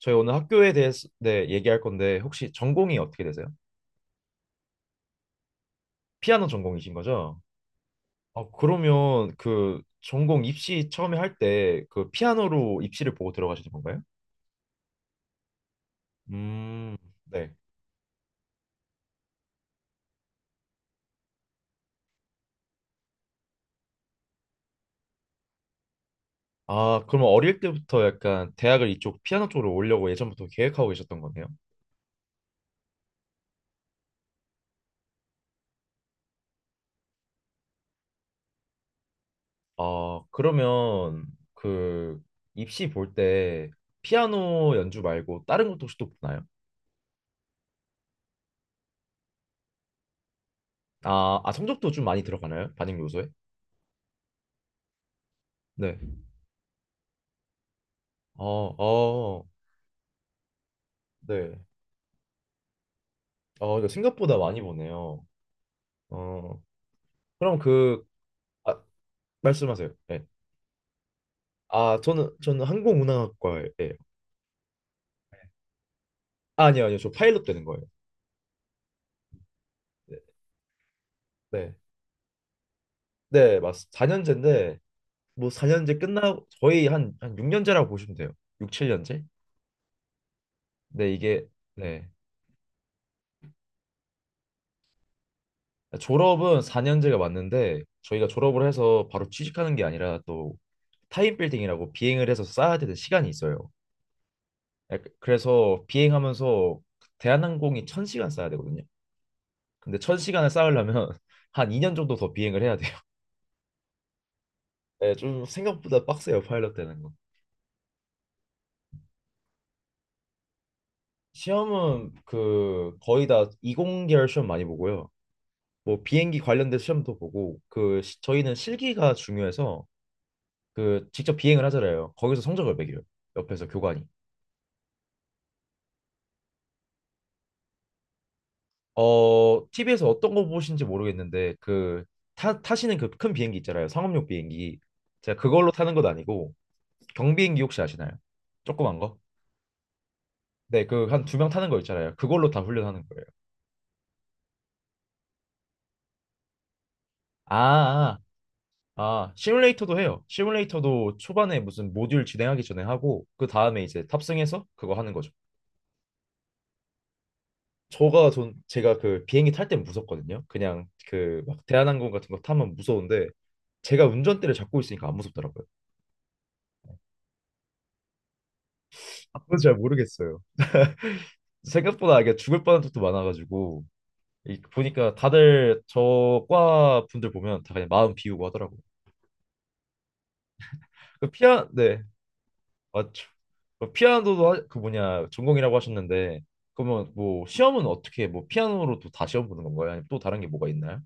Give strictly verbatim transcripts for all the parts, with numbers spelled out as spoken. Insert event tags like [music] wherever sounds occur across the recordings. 저희 오늘 학교에 대해서, 네, 얘기할 건데 혹시 전공이 어떻게 되세요? 피아노 전공이신 거죠? 아, 그러면 그 전공 입시 처음에 할 때 그 피아노로 입시를 보고 들어가시는 건가요? 음. 네. 아, 그러면 어릴 때부터 약간 대학을 이쪽 피아노 쪽으로 오려고 예전부터 계획하고 계셨던 거네요. 아, 그러면 그 입시 볼 때 피아노 연주 말고 다른 것도 혹시 또 보나요? 아, 아 성적도 좀 많이 들어가나요? 반영 요소에? 네. 어, 어, 네. 어, 이거 생각보다 많이 보네요. 어, 그럼 그, 아, 말씀하세요. 네. 아, 저는, 저는 항공운항학과예요. 아, 아니요, 아니요. 저 파일럿 되는 거예요. 네. 네, 네, 맞습니다. 사 년제인데 뭐 사 년제 끝나고, 거의 한, 한 육 년제라고 보시면 돼요. 육, 칠 년제? 네, 이게, 네. 졸업은 사 년제가 맞는데, 저희가 졸업을 해서 바로 취직하는 게 아니라 또 타임 빌딩이라고 비행을 해서 쌓아야 되는 시간이 있어요. 예, 그래서 비행하면서 대한항공이 천 시간 쌓아야 되거든요. 근데 천 시간을 쌓으려면 [laughs] 한 이 년 정도 더 비행을 해야 돼요. 네, 좀 생각보다 빡세요, 파일럿 되는 거. 시험은 그 거의 다 이공계열 시험 많이 보고요. 뭐 비행기 관련된 시험도 보고 그 시- 저희는 실기가 중요해서 그 직접 비행을 하잖아요. 거기서 성적을 매겨요. 옆에서 교관이. 어, 티비에서 어떤 거 보신지 모르겠는데 그 타, 타시는 그 큰 비행기 있잖아요. 상업용 비행기. 제가 그걸로 타는 건 아니고 경비행기 혹시 아시나요? 조그만 거? 네, 그 한 두 명 타는 거 있잖아요. 그걸로 다 훈련하는 거예요. 아, 아, 아, 시뮬레이터도 해요. 시뮬레이터도 초반에 무슨 모듈 진행하기 전에 하고 그 다음에 이제 탑승해서 그거 하는 거죠. 저가 전 제가 그 비행기 탈 때 무섭거든요. 그냥 그 막 대한항공 같은 거 타면 무서운데 제가 운전대를 잡고 있으니까 안 무섭더라고요. 아, 그건 잘 모르겠어요. 생각보다 이게 죽을 뻔한 적도 많아가지고 이- 보니까 다들 저과 분들 보면 다 그냥 마음 비우고 하더라고요. 그 피아 네, 맞죠. 그 피아노도 하- 그 뭐냐, 전공이라고 하셨는데 그러면 뭐 시험은 어떻게 뭐 피아노로 또 다 시험 보는 건가요? 아니면 또 다른 게 뭐가 있나요?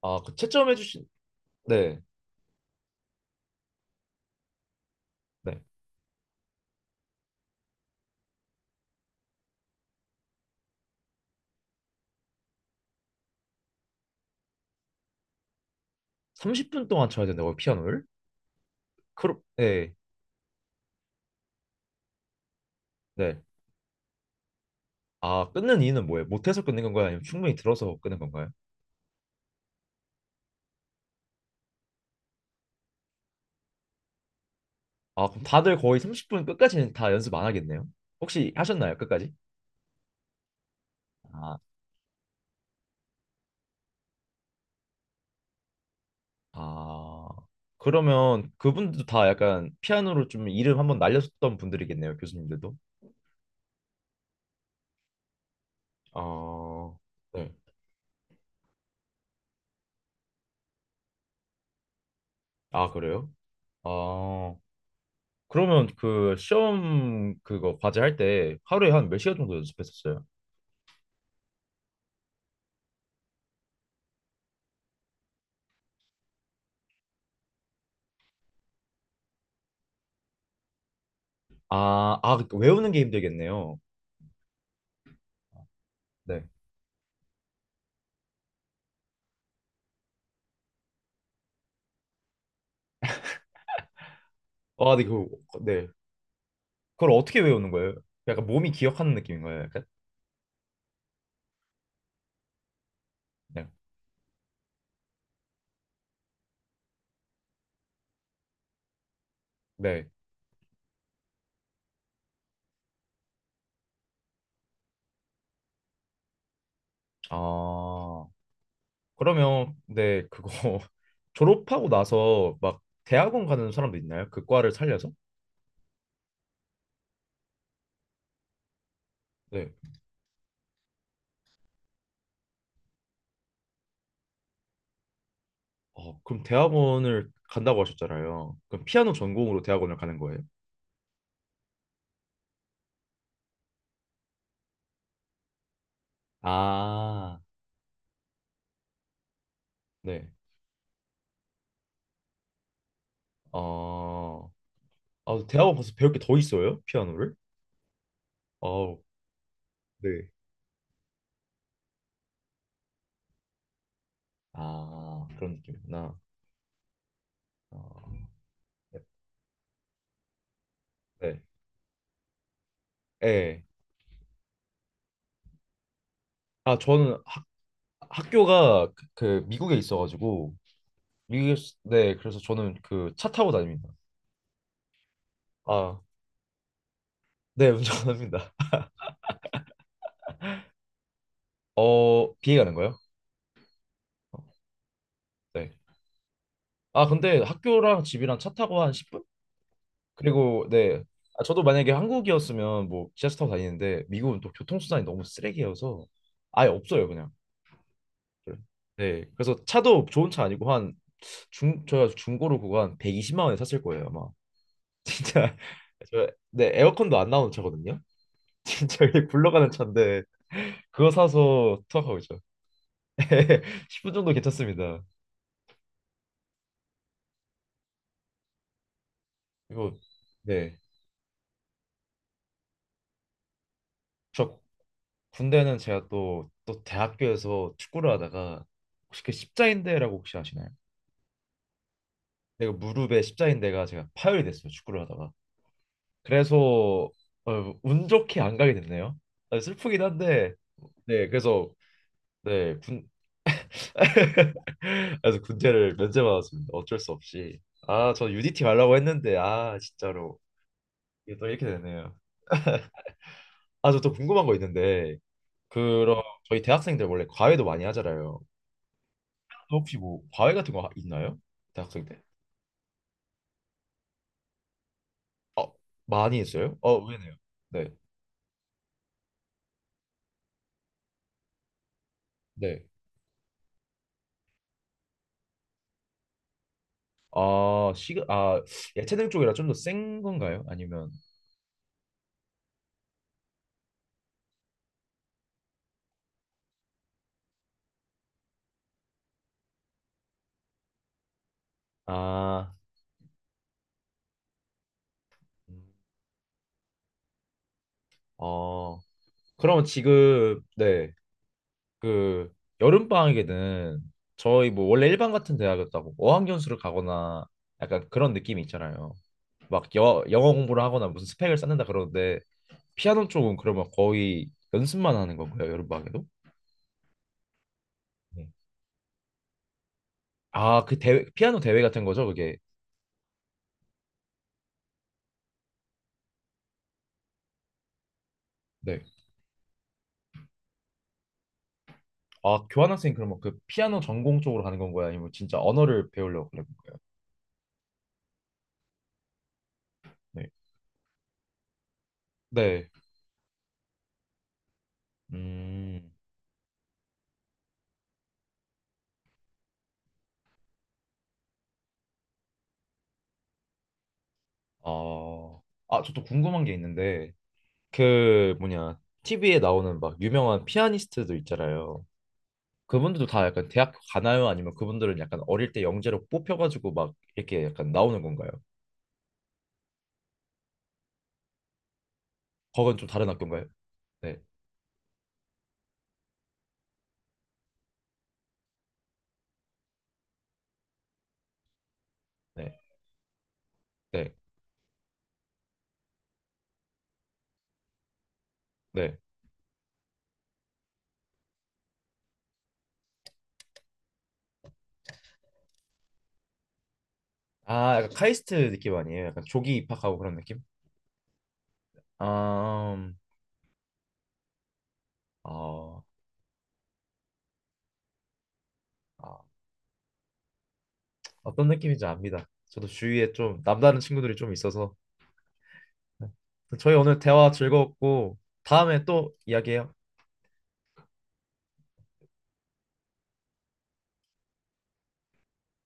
아, 그 채점해 주신. 네. 네. 삼십 분 동안 쳐야 된다고요, 피아노를? 그럼. 네. 네. 아, 끊는 이유는 뭐예요? 못해서 끊는 건가요? 아니면 충분히 들어서 끊는 건가요? 아, 그럼 다들 거의 삼십 분 끝까지는 다 연습 안 하겠네요. 혹시 하셨나요, 끝까지? 아, 아. 그러면 그분들도 다 약간 피아노로 좀 이름 한번 날렸었던 분들이겠네요, 교수님들도. 아, 네. 아, 그래요? 아, 그러면 그 시험 그거 과제 할 때 하루에 한 몇 시간 정도 연습했었어요? 아, 아, 그 외우는 게 힘들겠네요. 네. 아, 네, 그, 네. 그걸 어떻게 외우는 거예요? 약간 몸이 기억하는 느낌인가요? 약간? 네. 네. 아, 그러면, 네, 그거 [laughs] 졸업하고 나서 막 대학원 가는 사람도 있나요? 그 과를 살려서? 네. 어, 그럼 대학원을 간다고 하셨잖아요. 그럼 피아노 전공으로 대학원을 가는 거예요? 아, 네. 어, 아, 대학원 가서 배울 게 더 있어요? 피아노를? 아우, 네. 아, 그런 느낌이구나. 어, 네. 네. 아, 저는 학, 학교가 그, 그 미국에 있어가지고, 미국에, 네, 그래서 저는 그 차 타고 다닙니다. 아, 네, 운전합니다. 어, 비행하는 거예요? 어, 네. 아, 근데 학교랑 집이랑 차 타고 한 십 분? 그리고. 네. 아, 저도 만약에 한국이었으면 뭐 지하철 타고 다니는데 미국은 또 교통수단이 너무 쓰레기여서 아예 없어요, 그냥. 그래. 네. 그래서 차도 좋은 차 아니고 한 중 저희가 중고로 그거 한 백이십만 원에 샀을 거예요 아마. [laughs] 진짜 저 네 에어컨도 안 나오는 차거든요. [laughs] 진짜 이게 굴러가는 차인데 그거 사서 투어하고 있죠. [laughs] 십 분 정도 괜찮습니다. 그리고. 네. 저 군대는 제가 또 또 대학교에서 축구를 하다가 혹시 그 십자인대라고 혹시 아시나요? 내가 무릎에 십자인대가 제가 파열이 됐어요. 축구를 하다가. 그래서 어, 운 좋게 안 가게 됐네요. 아, 슬프긴 한데 네 그래서 네 군, [laughs] 그래서 군대를 면제받았습니다. 어쩔 수 없이. 아, 저 유디티 가려고 했는데. 아, 진짜로 이게 또 이렇게 되네요. 아, 저 또 궁금한 거 있는데 그럼 저희 대학생들 원래 과외도 많이 하잖아요. 아, 혹시 뭐 과외 같은 거 하- 있나요? 대학생 때? 어, 많이 있어요? 어, 왜네요? 네, 네. 아, 시그 아, 야채들 쪽이라 좀 더 센 건가요? 아니면. 아, 음, 어, 그러면 지금 네, 그 여름 방학에는 저희 뭐 원래 일반 같은 대학이었다고 어학연수를 가거나 약간 그런 느낌이 있잖아요. 막 여, 영어 공부를 하거나 무슨 스펙을 쌓는다 그러는데 피아노 쪽은 그러면 거의 연습만 하는 건가요? 여름 방학에도? 네. 아, 그 대회 피아노 대회 같은 거죠, 그게. 네. 아, 교환학생 그러면 그 피아노 전공 쪽으로 가는 건 거야? 아니면 진짜 언어를 배우려고 그는 거예요? 네. 네. 음. 어. 아, 저 또 궁금한 게 있는데 그 뭐냐, 티비에 나오는 막 유명한 피아니스트들 있잖아요. 그분들도 다 약간 대학교 가나요? 아니면 그분들은 약간 어릴 때 영재로 뽑혀가지고 막 이렇게 약간 나오는 건가요? 거건 좀 다른 학교인가요? 네. 네. 네. 네. 아, 약간 카이스트 느낌 아니에요? 약간 조기 입학하고 그런 느낌? 아, 음, 어, 아, 어떤 느낌인지 압니다. 저도 주위에 좀 남다른 친구들이 좀 있어서. 네. 저희 오늘 대화 즐거웠고 다음에 또 이야기해요.